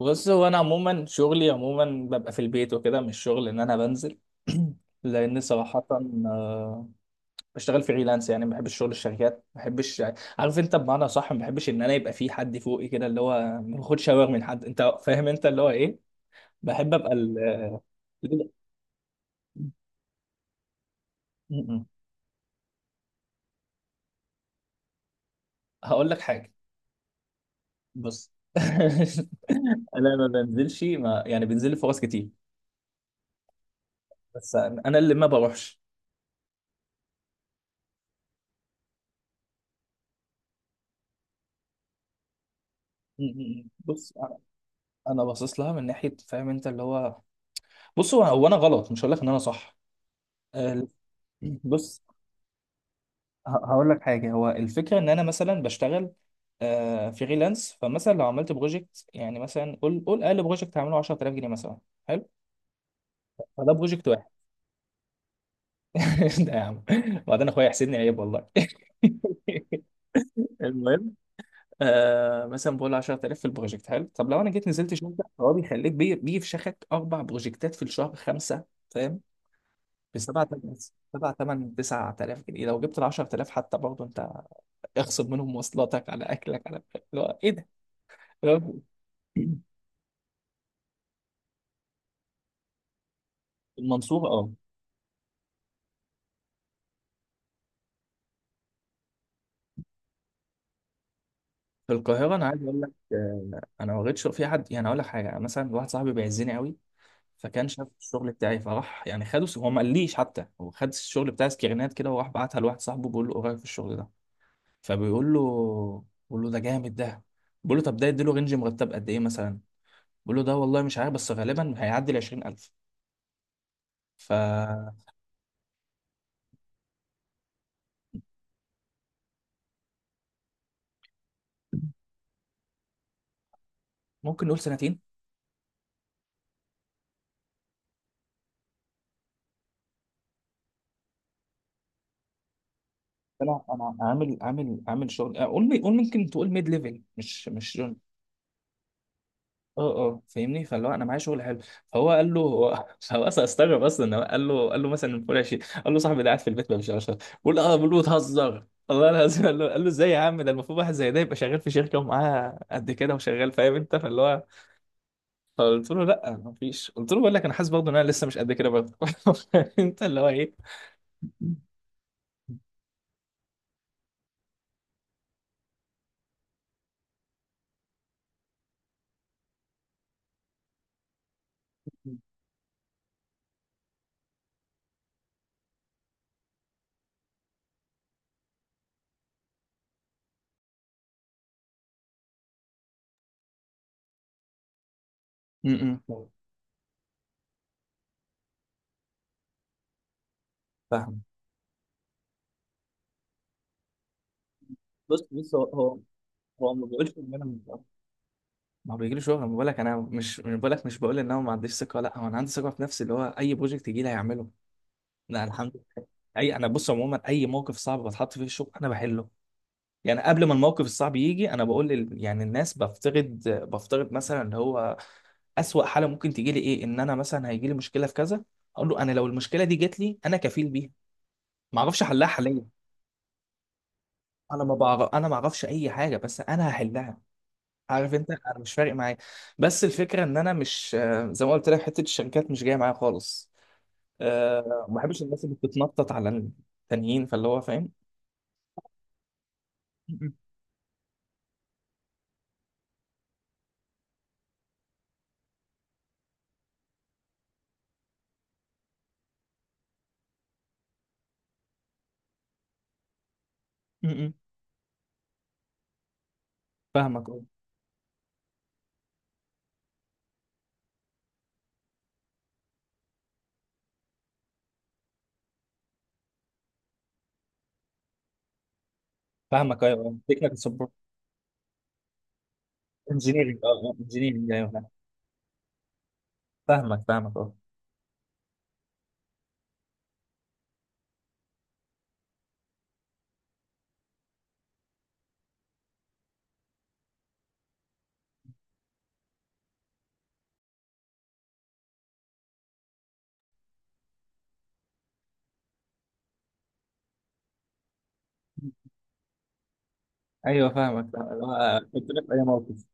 بص، هو انا عموما شغلي عموما ببقى في البيت وكده، مش شغل ان انا بنزل. لان صراحه آه، بشتغل فريلانس. يعني ما بحبش شغل الشركات، ما بحبش. عارف انت بمعنى صح، ما بحبش ان انا يبقى في حد فوقي كده، اللي هو ما باخدش اوامر من حد، انت فاهم انت اللي هو ايه. بحب ابقى م- م. هقول لك حاجه. بص. انا ما بنزلش، ما يعني بنزل لي فرص كتير، بس انا اللي ما بروحش. م- م- م. بص أنا باصص لها من ناحيه، فاهم انت اللي هو. بص هو انا غلط، مش هقول لك ان انا صح. آه، بص. هقول لك حاجه. هو الفكره ان انا مثلا بشتغل فريلانس. فمثلا لو عملت بروجكت، يعني مثلا قول قول اقل بروجكت هعمله 10000 جنيه مثلا. حلو، فده بروجكت واحد. ده يا عم، وبعدين اخويا يحسدني عيب والله. المهم، آه مثلا بقول له 10000 في البروجكت حلو. طب لو انا جيت نزلت شركه، فهو بيخليك بيفشخك اربع بروجكتات في الشهر، خمسه، فاهم؟ ب 7، 7 8 9000 جنيه. لو جبت ال 10000 حتى، برضه انت اخصم منهم مواصلاتك على اكلك على اللي هو ايه ده، فاهم؟ المنصورة. اه. في القاهرة أنا عايز أقول لك، أنا ما لقيتش في حد. يعني أقول لك حاجة، مثلا واحد صاحبي بيعزني قوي، فكان شاف الشغل بتاعي، فراح يعني خده، هو ما قاليش حتى. هو خد الشغل بتاعي سكرينات كده، وراح بعتها لواحد صاحبه، بيقول له إيه رأيك في الشغل ده. فبيقول له، بيقول له ده جامد ده. بيقول له، طب ده يديله رينج مرتب قد إيه مثلا. بيقول له، ده والله مش عارف، بس غالبا هيعدي ال 20000. فممكن نقول سنتين. انا عامل عامل شغل، قول لي، قول ممكن تقول ميد ليفل، مش جون. اه اه فاهمني، فاللي هو انا معايا شغل حلو. فهو قال له هو هو اصلا استغرب اصلا، إن هو قال له مثلا فوق 20. قال له صاحبي ده قاعد في البيت ما بيشتغلش. بقول اه، بقول له بتهزر والله العظيم. قال له ازاي يا عم، ده المفروض واحد زي ده يبقى شغال في شركه ومعاه قد كده وشغال، فاهم انت فاللي هو. فقلت له، لا ما فيش. قلت له، بقول لك انا حاسس برضه ان انا لسه مش قد كده برضه. انت اللي هو ايه. م- م. فاهم. بص هو هو ما بقولش ان انا مش بعرف. ما هو بيجي لي شغل. ما بقولك انا مش بقولك، مش بقول ان انا ما عنديش ثقه. لا، هو انا عندي ثقه في نفسي، اللي هو اي بروجكت يجي لي هيعمله. لا الحمد لله. اي انا بص، عموما اي موقف صعب بتحط فيه الشغل انا بحله. يعني قبل ما الموقف الصعب يجي، انا بقول يعني الناس، بفترض مثلا اللي هو اسوأ حاله ممكن تيجي لي ايه، ان انا مثلا هيجي لي مشكله في كذا. اقول له، انا لو المشكله دي جت لي، انا كفيل بيها. ما اعرفش احلها حاليا، انا ما بعرف، انا ما اعرفش اي حاجه، بس انا هحلها. عارف انت، انا مش فارق معايا. بس الفكره ان انا مش زي ما قلت لك، حته الشركات مش جايه معايا خالص. أه، ما بحبش الناس اللي بتتنطط على التانيين، فاللي هو فاهم. م-م. م-م. فاهمك اه. فاهمك ايوه، تكنيكال سبورت، انجينيرنج، اه انجينيرنج. ايوه فاهم. فاهمك فاهمك اه. ايوه فاهمك فاهمك. اه، كنت في اي موقف.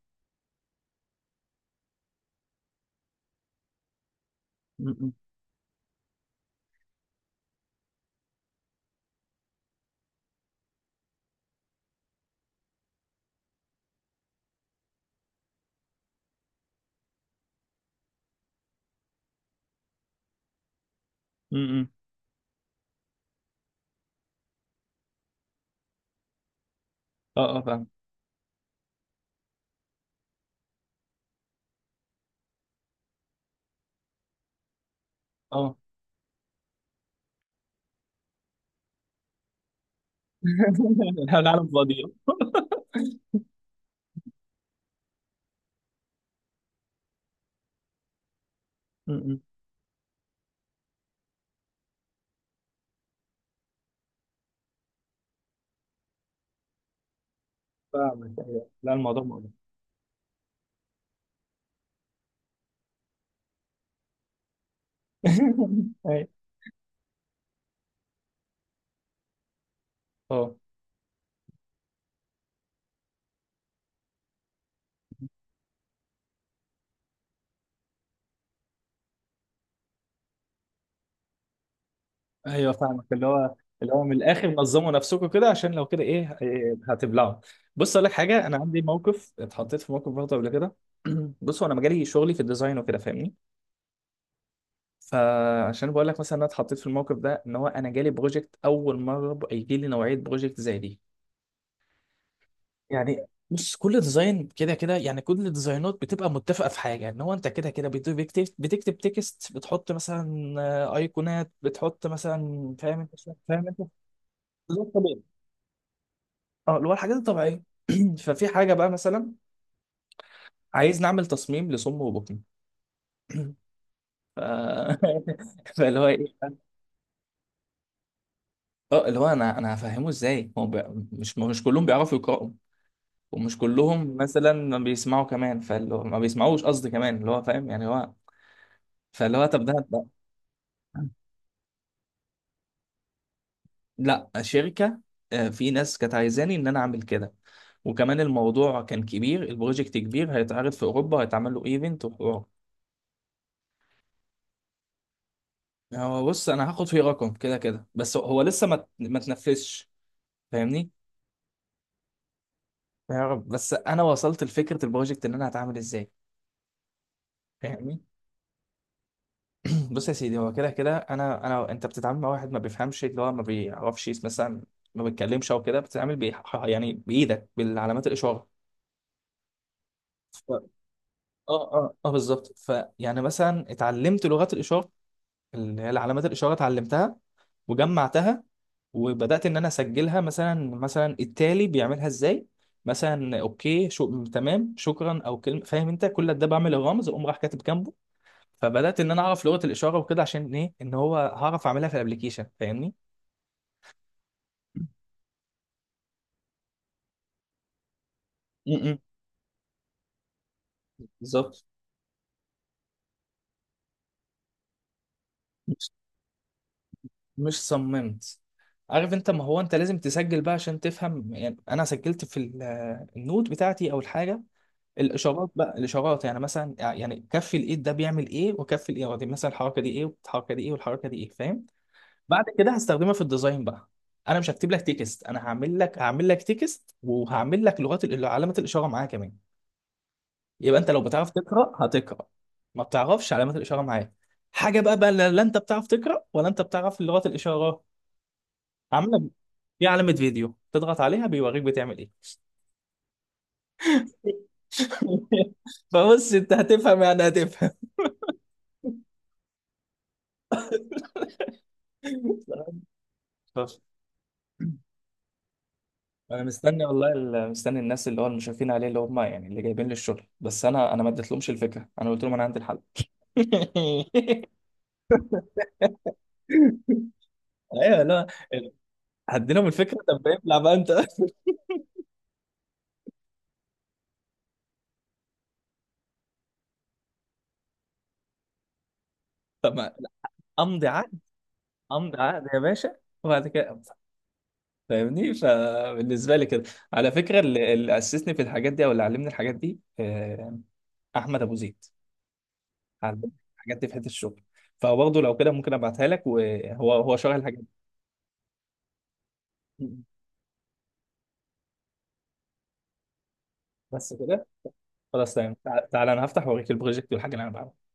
م-م. م-م. اه اه فاهم اه. العالم فاضي. م-م. فاهمك ايوه، لا الموضوع مؤلم. ايوه اه ايوه، فاهمك اللي هو، اللي هو من الاخر نظموا نفسكم كده، عشان لو كده، ايه إيه هتبلعوا. بص اقول لك حاجه، انا عندي موقف، اتحطيت في موقف برضه قبل كده. بص، هو انا مجالي شغلي في الديزاين وكده، فاهمني. فعشان بقول لك مثلا، انا اتحطيت في الموقف ده ان هو انا جالي بروجكت اول مره يجي لي نوعيه بروجكت زي دي. يعني بص، كل ديزاين كده كده، يعني كل الديزاينات بتبقى متفقه في حاجه، ان هو انت كده كده بتكتب تكست، بتحط مثلا ايقونات، بتحط مثلا فاهم انت فاهم انت. بالظبط. اه، اللي هو الحاجات الطبيعيه. ففي حاجه بقى مثلا، عايز نعمل تصميم لصم وبطن. ف... فاللي هو ايه. اه، اللي هو انا هفهمه ازاي هو مش كلهم بيعرفوا يقراوا، ومش كلهم مثلا ما بيسمعوا كمان، فاللي هو ما بيسمعوش قصدي كمان، اللي هو فاهم يعني هو. فاللي هو طب ده. لا، شركه. في ناس كانت عايزاني ان انا اعمل كده. وكمان الموضوع كان كبير، البروجكت كبير هيتعرض في اوروبا، هيتعمل له ايفنت وحوار. هو بص، انا هاخد فيه رقم كده كده، بس هو لسه ما تنفذش، فاهمني. يا رب. بس انا وصلت لفكره البروجكت ان انا هتعامل ازاي، فاهمني. بص يا سيدي، هو كده كده انا انا انت بتتعامل مع واحد ما بيفهمش، اللي هو ما بيعرفش مثلا ما بيتكلمش او كده. بتتعامل يعني بايدك، بالعلامات الاشاره. ف... اه اه اه بالظبط. فيعني مثلا اتعلمت لغات الاشاره، اللي هي العلامات الإشارة، اتعلمتها وجمعتها. وبدأت إن أنا أسجلها، مثلا التالي بيعملها إزاي، مثلا أوكي، شو، تمام، شكرا، أو كلمة فاهم أنت، كل ده بعمل الرمز أقوم راح كاتب جنبه. فبدأت إن أنا أعرف لغة الإشارة وكده، عشان إيه؟ إن هو هعرف أعملها في الأبليكيشن، فاهمني. م- م. بالظبط. مش مش صممت. عارف انت، ما هو انت لازم تسجل بقى عشان تفهم. يعني انا سجلت في النوت بتاعتي او الحاجه، الاشارات بقى. الاشارات يعني مثلا، يعني كف الايد ده بيعمل ايه، وكف الايد دي مثلا، الحركه دي ايه، والحركه دي ايه، والحركه دي ايه، فاهم. بعد كده هستخدمها في الديزاين بقى. انا مش هكتب لك تكست، انا هعمل لك تكست، وهعمل لك لغات علامات الاشاره معاه كمان. يبقى انت، لو بتعرف تقرا هتقرا، ما بتعرفش علامات الاشاره معاه حاجه بقى. بقى لا لا، انت بتعرف تقرا، ولا انت بتعرف لغات الاشاره؟ هعمل لك في علامه فيديو تضغط عليها بيوريك بتعمل ايه. فبص، انت هتفهم يعني هتفهم. انا مستني والله مستني الناس، اللي هو المشرفين عليه، اللي هم يعني اللي جايبين لي الشغل. بس انا ما اديتلهمش الفكره. انا قلت لهم انا عندي الحل. ايوه لا، هديلهم الفكره طب ابلع بقى انت. طب لا، امضي عقد. امضي عقد يا باشا، وبعد كده أمضي. فاهمني. فبالنسبه لي كده، على فكره اللي اسسني في الحاجات دي، او اللي علمني الحاجات دي، احمد ابو زيد. علمني الحاجات دي في حته الشغل، فبرضه لو كده ممكن ابعتها لك، وهو هو شغال الحاجات دي. بس كده. خلاص تمام، تعالى انا هفتح واوريك البروجكت والحاجه اللي انا بعملها